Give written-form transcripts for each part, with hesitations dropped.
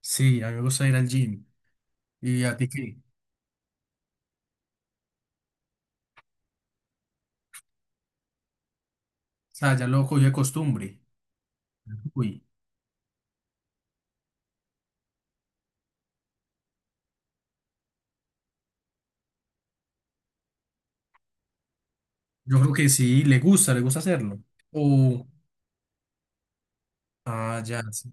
Sí, a mí me gusta ir al gym. ¿Y a ti qué? O sea, ya lo cogió de costumbre. Uy, yo creo que sí, le gusta hacerlo. O, ah, ya, sí.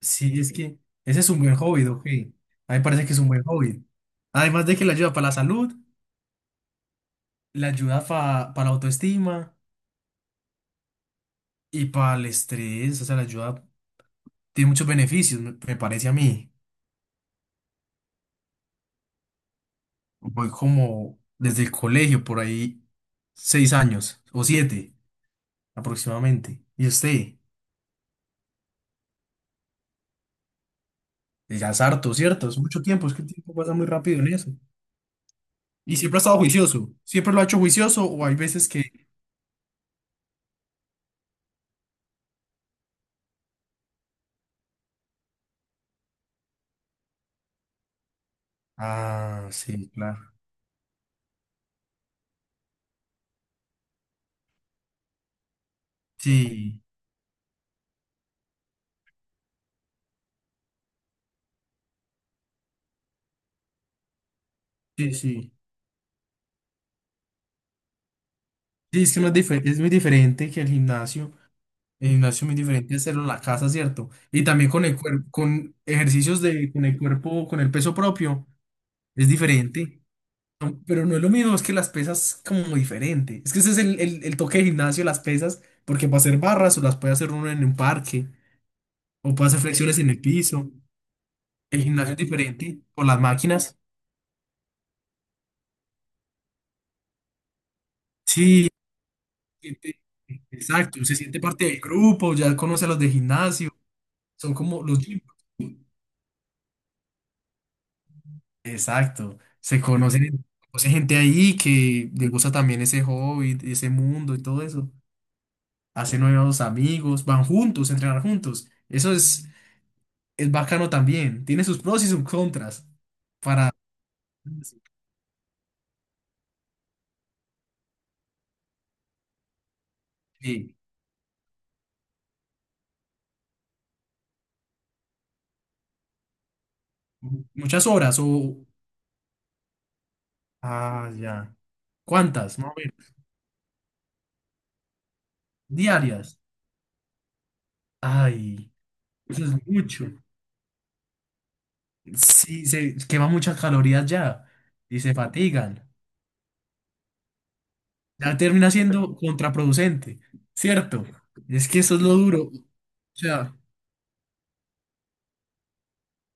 Sí, es que ese es un buen hobby, ok. A mí me parece que es un buen hobby. Además de que le ayuda para la salud, le ayuda para la autoestima y para el estrés, o sea, le ayuda, tiene muchos beneficios, me parece a mí. Voy como desde el colegio, por ahí, 6 años o 7 aproximadamente. ¿Y usted? Y ya es harto, ¿cierto? Es mucho tiempo, es que el tiempo pasa muy rápido en eso. Y siempre ha estado juicioso, siempre lo ha hecho juicioso o hay veces que... Ah, sí, claro. Sí, sí, sí. Sí, es que no es, es muy diferente que el gimnasio. El gimnasio es muy diferente hacerlo en la casa, ¿cierto? Y también con el cuerpo, con ejercicios de, con el cuerpo, con el peso propio, es diferente. No, pero no es lo mismo, es que las pesas como muy diferente. Es que ese es el toque de gimnasio, las pesas, porque para hacer barras o las puede hacer uno en un parque o puede hacer flexiones en el piso. El gimnasio es diferente con las máquinas. Sí, siente- exacto, se siente parte del grupo, ya conoce a los de gimnasio, son como los gym. Exacto, se conocen, conoce gente ahí que le gusta también ese hobby, ese mundo y todo eso. Hace nuevos amigos, van juntos, a entrenar juntos. Eso es bacano también. Tiene sus pros y sus contras para sí, muchas horas o... Ah, ya. ¿Cuántas? Más o menos, diarias. Ay, eso es mucho. Sí, se quema muchas calorías ya y se fatigan. Ya termina siendo contraproducente, ¿cierto? Es que eso es lo duro. O sea,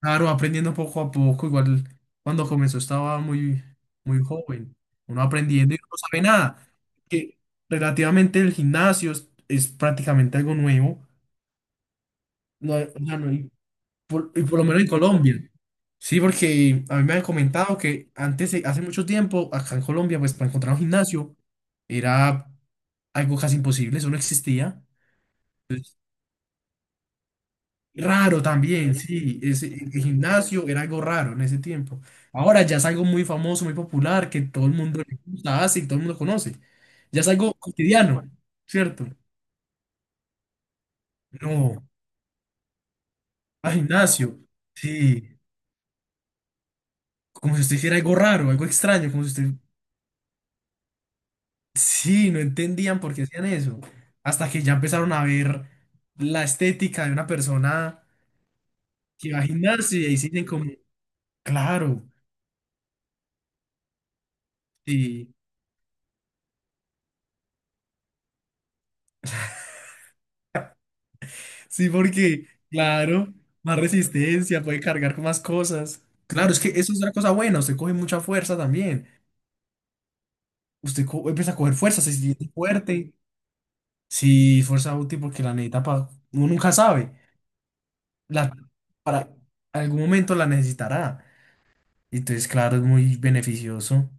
claro, aprendiendo poco a poco, igual cuando comenzó estaba muy, muy joven, uno aprendiendo y no sabe nada. Que relativamente el gimnasio es prácticamente algo nuevo. No, o sea, no hay- Por- y por lo menos en Colombia. Sí, porque a mí me han comentado que antes, hace mucho tiempo, acá en Colombia, pues para encontrar un gimnasio era algo casi imposible, eso no existía. Raro también, sí, ese, el gimnasio era algo raro en ese tiempo. Ahora ya es algo muy famoso, muy popular, que todo el mundo le gusta, hace y todo el mundo conoce. Ya es algo cotidiano, ¿cierto? No, al gimnasio, sí, como si usted hiciera algo raro, algo extraño, como si usted. Sí, no entendían por qué hacían eso. Hasta que ya empezaron a ver la estética de una persona que va al gimnasio y ahí se dicen como, claro, sí, sí, porque, claro, más resistencia, puede cargar con más cosas. Claro, es que eso es una cosa buena, usted coge mucha fuerza también. Usted empieza a coger fuerza, se siente fuerte. Sí, fuerza útil porque la necesita para... Uno nunca sabe. La, para algún momento la necesitará. Entonces, claro, es muy beneficioso.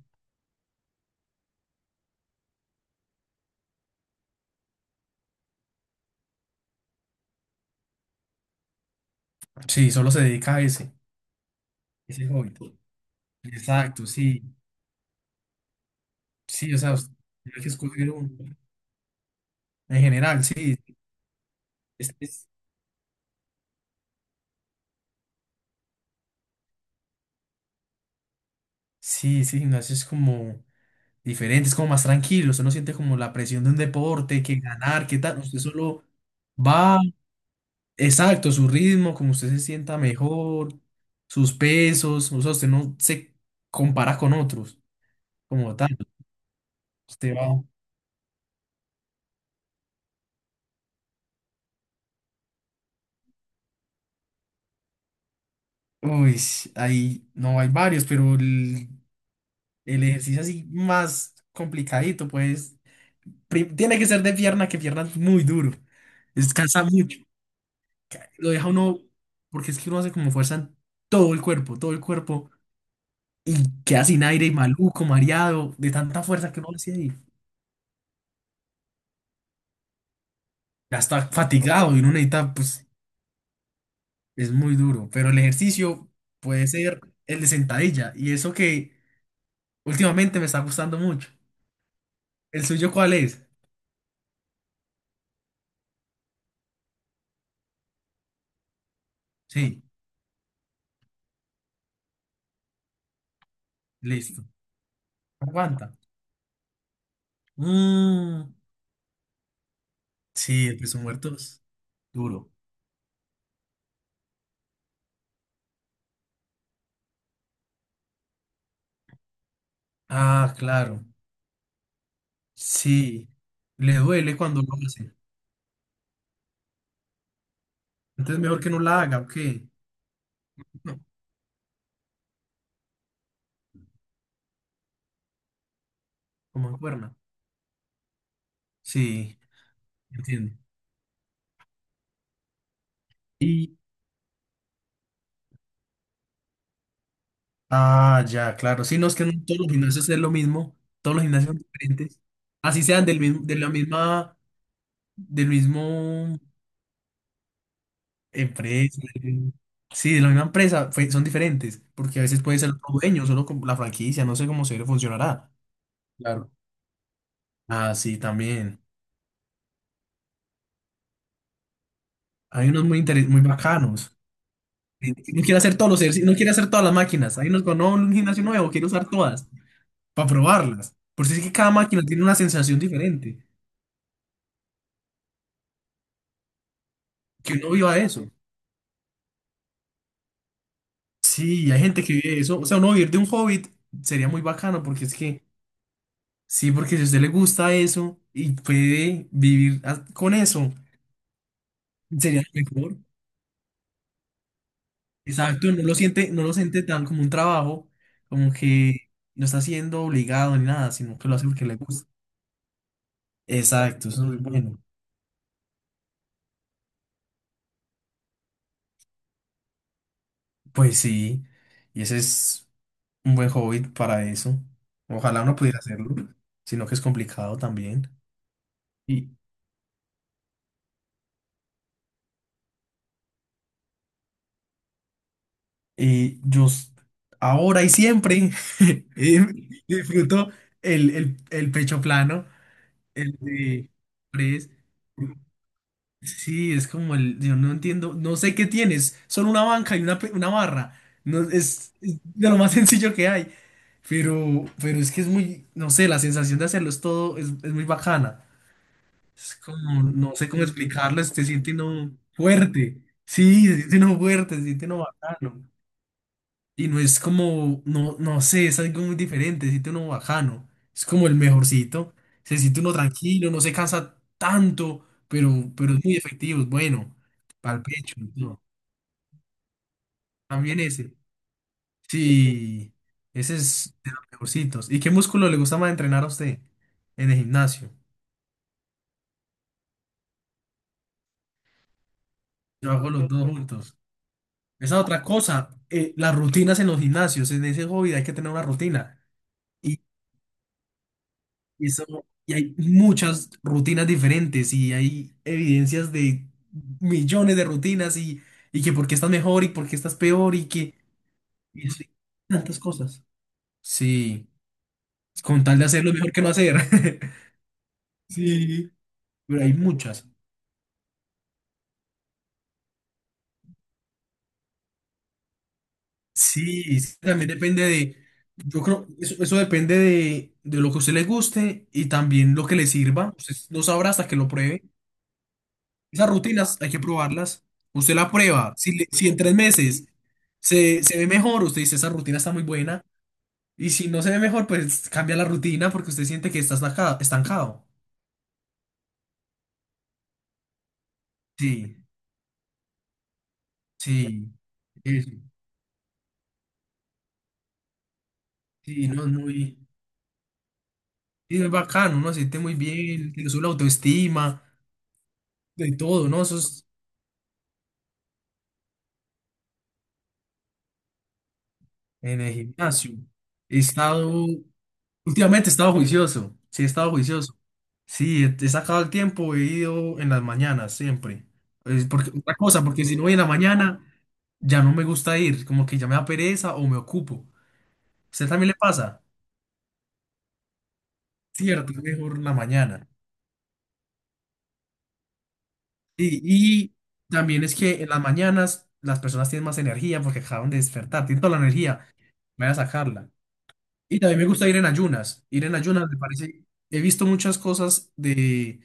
Sí, solo se dedica a ese, ese hobby. Exacto, sí, sí, o sea, hay que escoger un, en general, sí, es- es- sí, sí, gimnasio es como diferente, es como más tranquilo, usted no siente como la presión de un deporte, que ganar, que tal, usted solo va, exacto, su ritmo, como usted se sienta mejor, sus pesos, o sea, usted no se compara con otros, como tal, usted va, uy, ahí, no, hay varios, pero el ejercicio así más complicadito, pues. Tiene que ser de pierna, que pierna es muy duro. Descansa mucho. Lo deja uno, porque es que uno hace como fuerza en todo el cuerpo, todo el cuerpo. Y queda sin aire y maluco, mareado, de tanta fuerza que uno hace ahí. Ya está fatigado y uno necesita, pues, es muy duro. Pero el ejercicio puede ser el de sentadilla. Y eso que últimamente me está gustando mucho. ¿El suyo cuál es? Sí, listo. Aguanta. Mm. Sí, el peso muerto es duro. Ah, claro. Sí. Le duele cuando lo hace. Entonces mejor que no la haga, ¿o qué? No, como en cuerna. Sí, entiendo. Y, ah, ya, claro. Sí, no es que no todos los gimnasios es lo mismo. Todos los gimnasios son diferentes. Así sean del mismo, de la misma, del mismo empresa. Sí, de la misma empresa, son diferentes. Porque a veces puede ser otro dueño, solo con la franquicia, no sé cómo se funcionará. Claro. Ah, sí, también. Hay unos muy bacanos. No quiere hacer todos los ejercicios, no quiere hacer todas las máquinas. Hay unos cuando no, un gimnasio nuevo, quiero usar todas para probarlas. Por si es que cada máquina tiene una sensación diferente. Que uno viva eso. Sí, hay gente que vive eso. O sea, uno vivir de un hobbit sería muy bacano porque es que, sí, porque si a usted le gusta eso y puede vivir con eso, sería lo mejor. Exacto, no lo siente, no lo siente tan como un trabajo, como que no está siendo obligado ni nada, sino que lo hace porque le gusta. Exacto, eso es muy bueno. Pues sí, y ese es un buen hobby para eso. Ojalá uno pudiera hacerlo, sino que es complicado también. Y, y ahora y siempre eh, disfruto el pecho plano, el de press. Sí, es como el, yo no entiendo, no sé qué tienes, solo una banca y una barra. No, es de lo más sencillo que hay. Pero es que es muy, no sé, la sensación de hacerlo es todo, es muy bacana. Es como, no sé cómo explicarles, te siente uno fuerte. Sí, se siente uno fuerte, se siente uno bacano. Y no es como, no, no sé, es algo muy diferente, se siente uno bacano. Es como el mejorcito. Se siente uno tranquilo, no se cansa tanto, pero es muy efectivo, es bueno. Para el pecho, ¿no? También ese. Sí, ese es de los mejorcitos. ¿Y qué músculo le gusta más entrenar a usted en el gimnasio? Yo hago los dos juntos. Esa es otra cosa, las rutinas en los gimnasios, en ese hobby hay que tener una rutina. Y, eso, y hay muchas rutinas diferentes y hay evidencias de millones de rutinas y que por qué estás mejor y por qué estás peor y que y eso, y tantas cosas. Sí, con tal de hacer lo mejor que no hacer. Sí, pero hay muchas. Sí, sí, también depende de, yo creo, eso depende de lo que a usted le guste y también lo que le sirva. Usted no sabrá hasta que lo pruebe. Esas rutinas hay que probarlas. Usted la prueba. Si en 3 meses se ve mejor, usted dice, esa rutina está muy buena. Y si no se ve mejor, pues cambia la rutina porque usted siente que está estancado estancado. Sí, sí, eso. Sí, no, es muy, sí, es bacano, uno se siente muy bien, que le sube la autoestima, de todo, ¿no? Eso es en el gimnasio. He estado, Últimamente he estado juicioso, sí, he estado juicioso. Sí, he sacado el tiempo, he ido en las mañanas siempre. Es porque, otra cosa, porque si no voy en la mañana, ya no me gusta ir, como que ya me da pereza o me ocupo. ¿A usted también le pasa? Cierto, es mejor la mañana. Y también es que en las mañanas las personas tienen más energía porque acaban de despertar, tienen toda la energía, voy a sacarla. Y también me gusta ir en ayunas me parece, he visto muchas cosas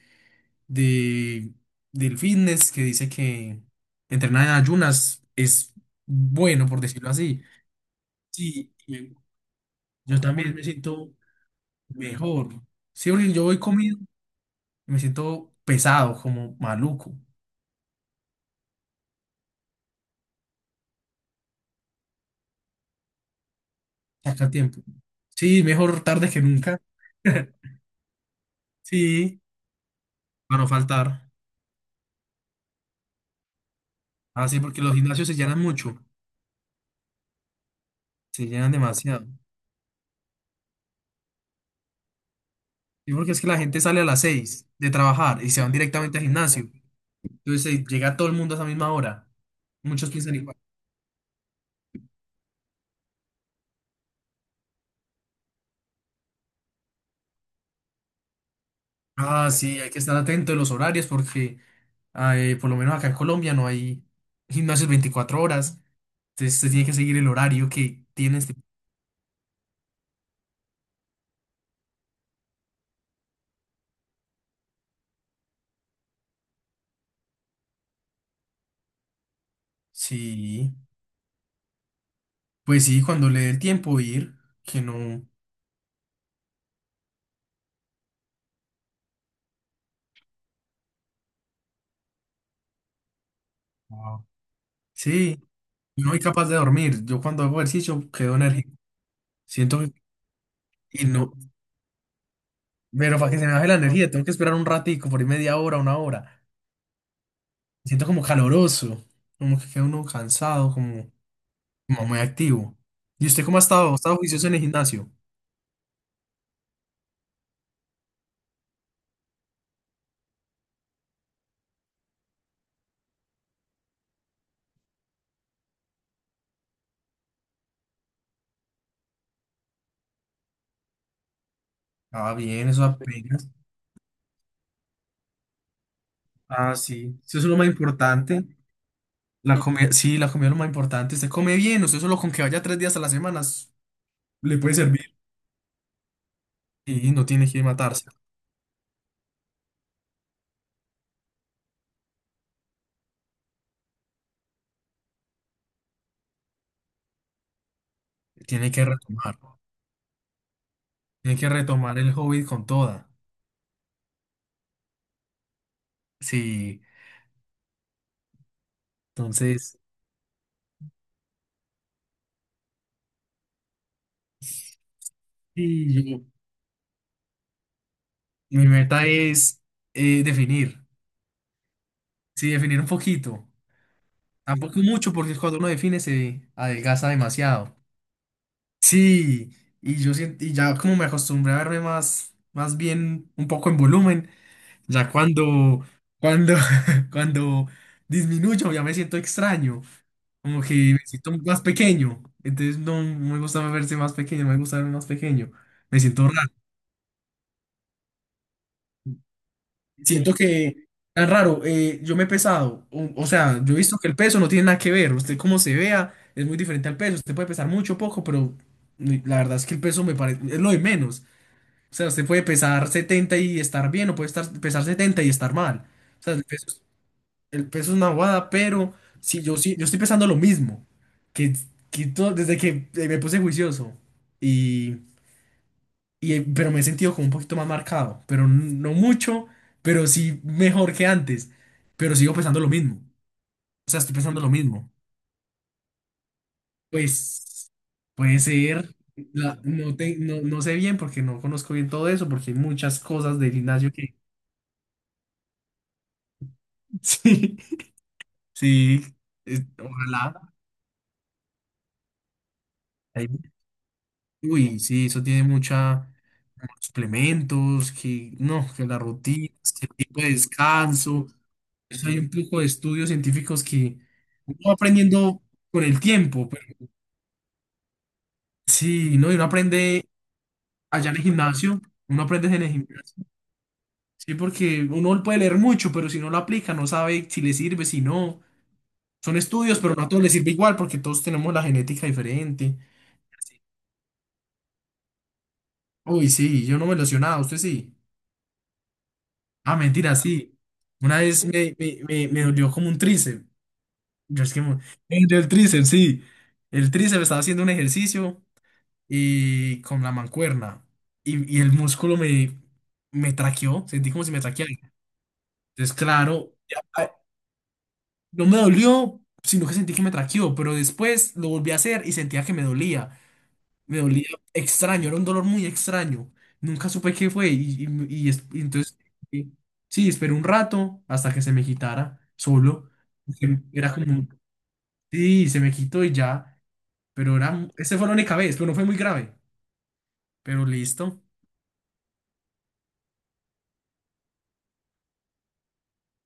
de, del fitness que dice que entrenar en ayunas es bueno, por decirlo así. Sí, y yo también me siento mejor. Sí, porque yo voy comido y me siento pesado, como maluco. Saca tiempo. Sí, mejor tarde que nunca. Sí, para no faltar. Así, porque los gimnasios se llenan mucho, se llenan demasiado. Y porque es que la gente sale a las 6 de trabajar y se van directamente al gimnasio. Entonces llega todo el mundo a esa misma hora. Muchos piensan igual. Ah, sí, hay que estar atento de los horarios porque por lo menos acá en Colombia no hay gimnasios 24 horas. Entonces usted tiene que seguir el horario que tiene este. Sí, pues sí, cuando le dé el tiempo ir, que no. Wow. Sí, yo no soy capaz de dormir. Yo cuando hago ejercicio quedo energía. Siento que y no, pero para que se me baje la energía tengo que esperar un ratico, por ahí media hora, una hora. Siento como caloroso, como que queda uno cansado, como muy activo. ¿Y usted cómo ha estado? ¿Ha estado juicioso en el gimnasio? Ah, bien, eso apenas. Ah, sí. Eso es lo más importante. La comida, sí, la comida es lo más importante. Usted come bien, usted solo con que vaya 3 días a la semana le puede servir. Y no tiene que matarse, tiene que retomar. Tiene que retomar el hobby con toda. Sí, entonces, sí, y mi meta es definir. Sí, definir un poquito. Tampoco mucho, porque cuando uno define se adelgaza demasiado. Sí, y yo siento, y ya como me acostumbré a verme más, más bien un poco en volumen, ya cuando, cuando, cuando disminuyo ya me siento extraño, como que me siento más pequeño, entonces no me gusta verse más pequeño, me gusta verme más pequeño, me siento raro, siento que tan raro, yo me he pesado, o sea, yo he visto que el peso no tiene nada que ver, usted cómo se vea es muy diferente al peso, usted puede pesar mucho o poco, pero la verdad es que el peso me parece, es lo de menos. O sea, usted puede pesar 70 y estar bien, o puede estar, pesar 70 y estar mal. O sea, el peso es una bobada, pero si yo, sí yo estoy pesando lo mismo, que, que desde que me puse juicioso, y, pero me he sentido como un poquito más marcado, pero no mucho, pero sí mejor que antes, pero sigo pesando lo mismo. O sea, estoy pesando lo mismo. Pues puede ser, no, no, no sé bien porque no conozco bien todo eso, porque hay muchas cosas del gimnasio que... sí. Sí, ojalá. Ahí- Uy, sí, eso tiene mucha muchos suplementos, que no, que las rutinas, que el tipo de descanso. Eso hay un poco de estudios científicos que uno va aprendiendo con el tiempo. Pero, sí, ¿no? Y uno aprende allá en el gimnasio, uno aprende en el gimnasio. Sí, porque uno puede leer mucho, pero si no lo aplica, no sabe si le sirve, si no. Son estudios, pero no a todos les sirve igual porque todos tenemos la genética diferente. Uy, sí, yo no me lesionaba, usted sí. Ah, mentira, sí. Una vez me dolió como un tríceps. Yo es que me dolió el tríceps, sí. El tríceps estaba haciendo un ejercicio y con la mancuerna. Y el músculo me traqueó. Sentí como si me traqueara. Entonces, claro, ya, ah, no me dolió, sino que sentí que me traqueó. Pero después lo volví a hacer y sentía que me dolía. Me dolía extraño, era un dolor muy extraño. Nunca supe qué fue y entonces, eh, sí, esperé un rato hasta que se me quitara solo. Porque era vale. Como, sí, se me quitó y ya, pero era, esa fue la única vez, pero no fue muy grave, pero listo.